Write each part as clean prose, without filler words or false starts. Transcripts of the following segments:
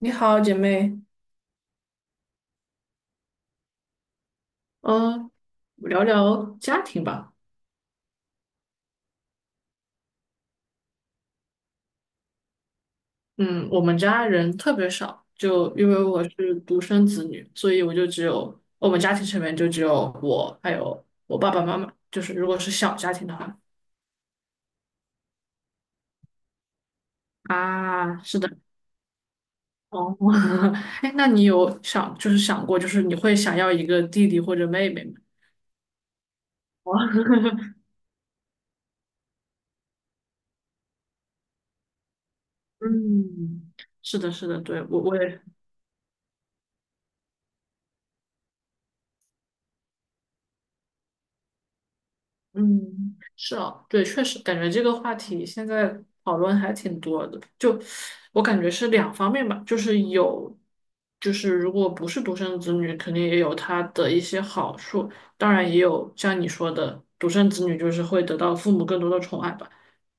你好，姐妹。嗯，聊聊家庭吧。嗯，我们家人特别少，就因为我是独生子女，所以我就只有我们家庭成员就只有我，还有我爸爸妈妈。就是如果是小家庭的话，啊，是的，哦，哎，那你有想想过,你会想要一个弟弟或者妹妹吗？哦 嗯，是的，是的，对，我也嗯，是啊，对，确实感觉这个话题现在讨论还挺多的。就我感觉是两方面吧，就是有，就是如果不是独生子女，肯定也有他的一些好处，当然也有像你说的，独生子女就是会得到父母更多的宠爱吧。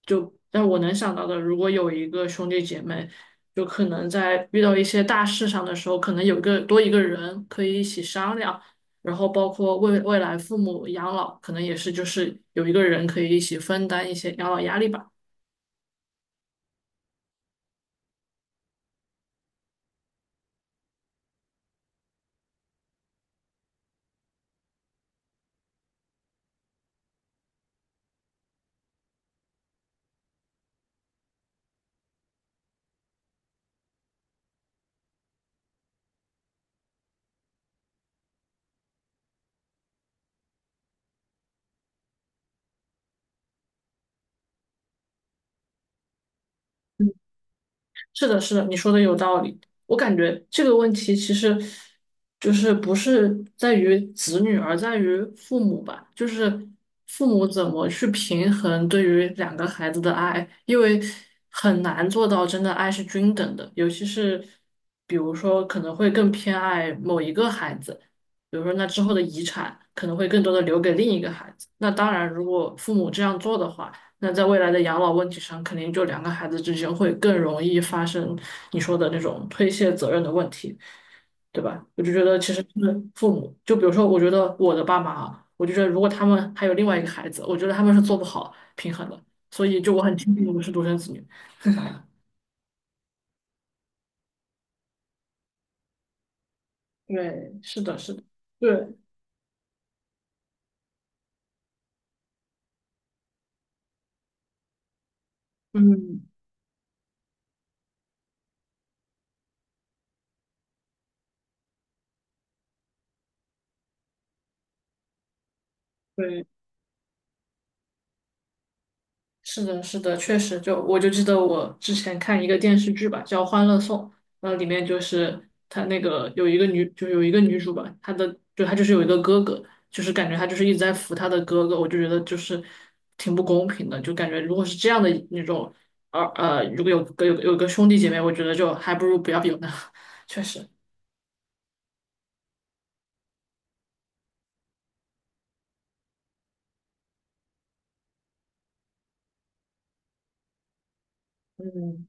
就但我能想到的，如果有一个兄弟姐妹，就可能在遇到一些大事上的时候，可能有一个多一个人可以一起商量。然后包括未来父母养老，可能也是就是有一个人可以一起分担一些养老压力吧。嗯，是的，是的，你说的有道理。我感觉这个问题其实就是不是在于子女，而在于父母吧，就是父母怎么去平衡对于两个孩子的爱，因为很难做到真的爱是均等的，尤其是比如说可能会更偏爱某一个孩子，比如说那之后的遗产可能会更多的留给另一个孩子。那当然，如果父母这样做的话。那在未来的养老问题上，肯定就两个孩子之间会更容易发生你说的那种推卸责任的问题，对吧？我就觉得其实他们父母，就比如说，我觉得我的爸妈啊，我就觉得如果他们还有另外一个孩子，我觉得他们是做不好平衡的，所以就我很庆幸我是独生子女。对，是的，是的，对，嗯，对。是的，是的，确实就，我就记得我之前看一个电视剧吧，叫《欢乐颂》，那里面就是她那个有一个女，就有一个女主吧，她的就她就是有一个哥哥，就是感觉她就是一直在扶她的哥哥，我就觉得就是挺不公平的，就感觉如果是这样的那种，如果有个兄弟姐妹，我觉得就还不如不要有呢，确实，嗯。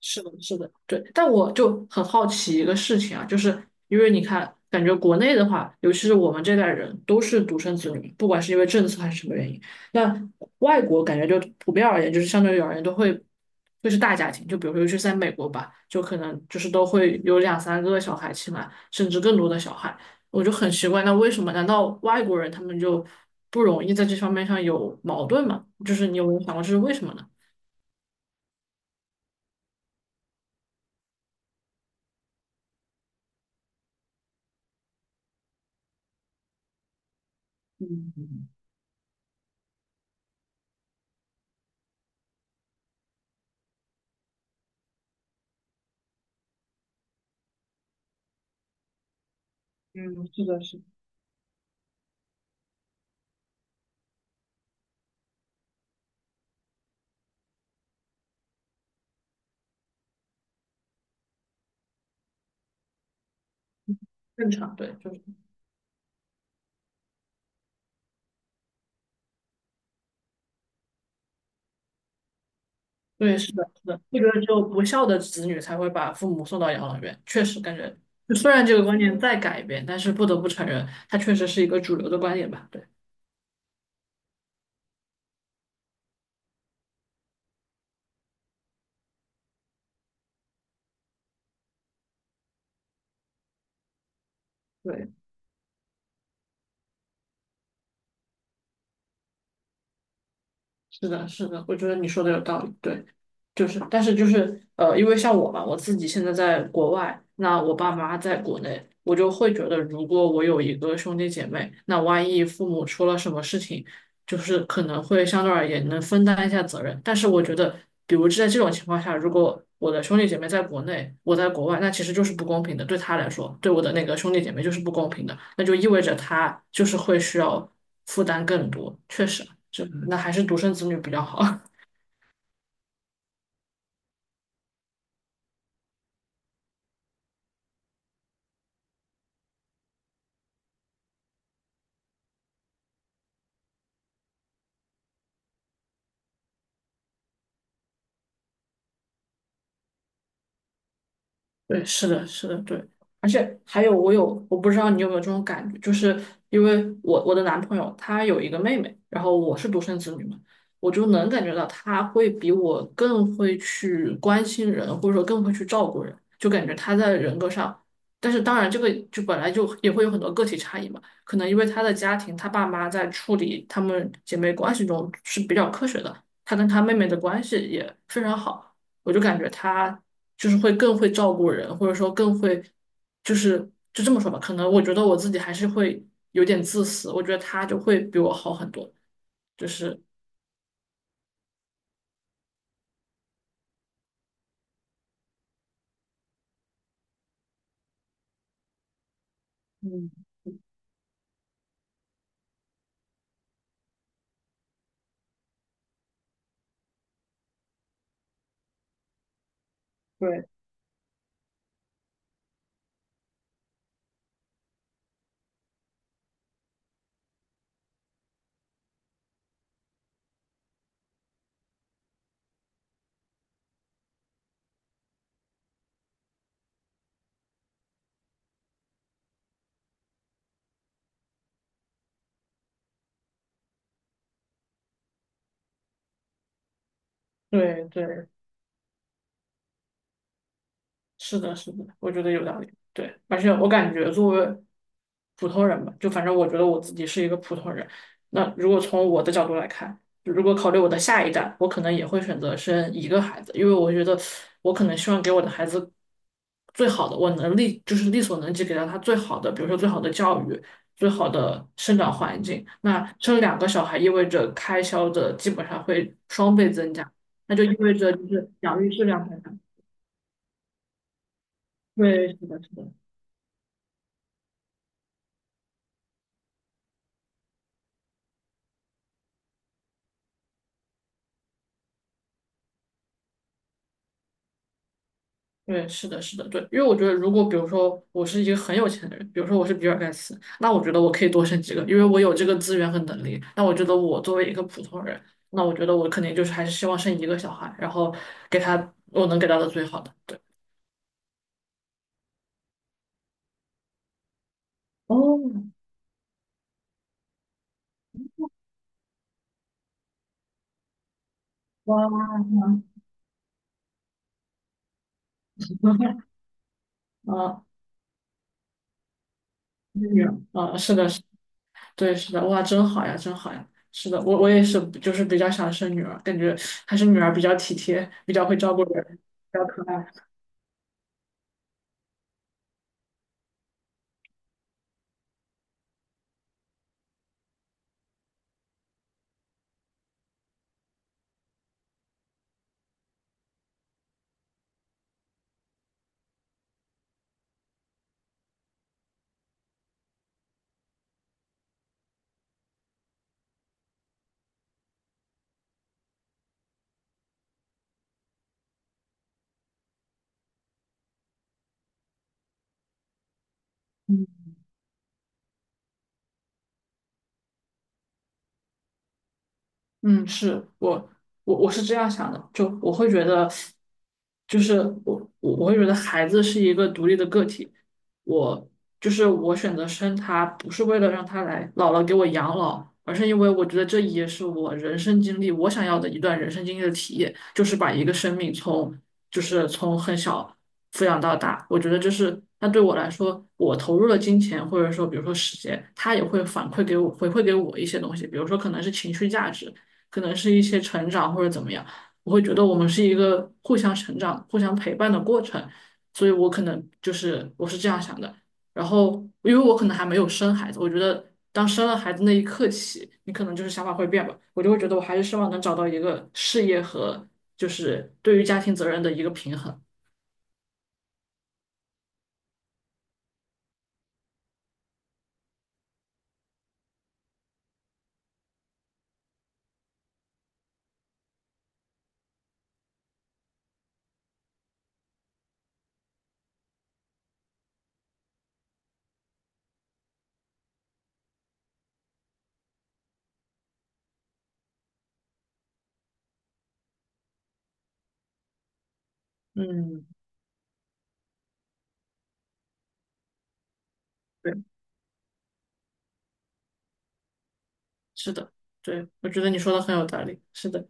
是的，是的，对。但我就很好奇一个事情啊，就是因为你看，感觉国内的话，尤其是我们这代人都是独生子女，不管是因为政策还是什么原因。那外国感觉就普遍而言，就是相对于而言都会是大家庭，就比如说尤其是在美国吧，就可能就是都会有两三个小孩起来，甚至更多的小孩。我就很奇怪，那为什么？难道外国人他们就不容易在这方面上有矛盾吗？就是你有没有想过这是为什么呢？嗯，嗯，是的，是的。正常，对，就是对，是的，是的，这个只有不孝的子女才会把父母送到养老院。确实，感觉就虽然这个观念在改变，但是不得不承认，它确实是一个主流的观点吧？对，对。是的，是的，我觉得你说的有道理，对，但是因为像我嘛，我自己现在在国外，那我爸妈在国内，我就会觉得，如果我有一个兄弟姐妹，那万一父母出了什么事情，就是可能会相对而言能分担一下责任。但是我觉得，比如在这种情况下，如果我的兄弟姐妹在国内，我在国外，那其实就是不公平的，对他来说，对我的那个兄弟姐妹就是不公平的，那就意味着他就是会需要负担更多，确实。就那还是独生子女比较好。对，是的，是的，对，而且还有，我有，我不知道你有没有这种感觉，就是因为我的男朋友他有一个妹妹，然后我是独生子女嘛，我就能感觉到他会比我更会去关心人，或者说更会去照顾人，就感觉他在人格上，但是当然这个就本来就也会有很多个体差异嘛，可能因为他的家庭，他爸妈在处理他们姐妹关系中是比较科学的，他跟他妹妹的关系也非常好。我就感觉他就是会更会照顾人，或者说更会，就是就这么说吧，可能我觉得我自己还是会有点自私，我觉得他就会比我好很多，就是嗯，对，对对，是的，是的，我觉得有道理。对，而且我感觉作为普通人吧，就反正我觉得我自己是一个普通人。那如果从我的角度来看，如果考虑我的下一代，我可能也会选择生一个孩子，因为我觉得我可能希望给我的孩子最好的，我能力就是力所能及给到他最好的，比如说最好的教育、最好的生长环境。那生两个小孩意味着开销的基本上会双倍增加，那就意味着就是养育质量会，对，是的，是的。对，是的，是的，对，因为我觉得，如果比如说我是一个很有钱的人，比如说我是比尔盖茨，那我觉得我可以多生几个，因为我有这个资源和能力。那我觉得我作为一个普通人，那我觉得我肯定就是还是希望生一个小孩，然后给他我能给到的最好的。对，哦，哇，啊，女儿，啊，是的，是对，是的，哇，真好呀，真好呀，是的，我也是，就是比较想生女儿，感觉还是女儿比较体贴，比较会照顾人，比较可爱。嗯。嗯，我是这样想的，就我会觉得，就是我会觉得孩子是一个独立的个体，我就是我选择生他，不是为了让他来姥姥给我养老，而是因为我觉得这也是我人生经历，我想要的一段人生经历的体验，就是把一个生命从就是从很小抚养到大，我觉得这是那对我来说，我投入了金钱或者说比如说时间，他也会反馈给我回馈给我一些东西，比如说可能是情绪价值。可能是一些成长或者怎么样，我会觉得我们是一个互相成长、互相陪伴的过程，所以我可能就是我是这样想的。然后，因为我可能还没有生孩子，我觉得当生了孩子那一刻起，你可能就是想法会变吧。我就会觉得我还是希望能找到一个事业和就是对于家庭责任的一个平衡。嗯，对，是的，对，我觉得你说的很有道理。是的，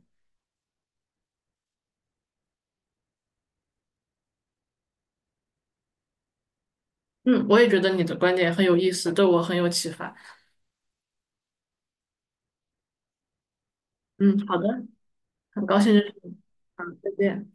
嗯，我也觉得你的观点很有意思，对我很有启发。嗯，好的，很高兴认识你，好，再见。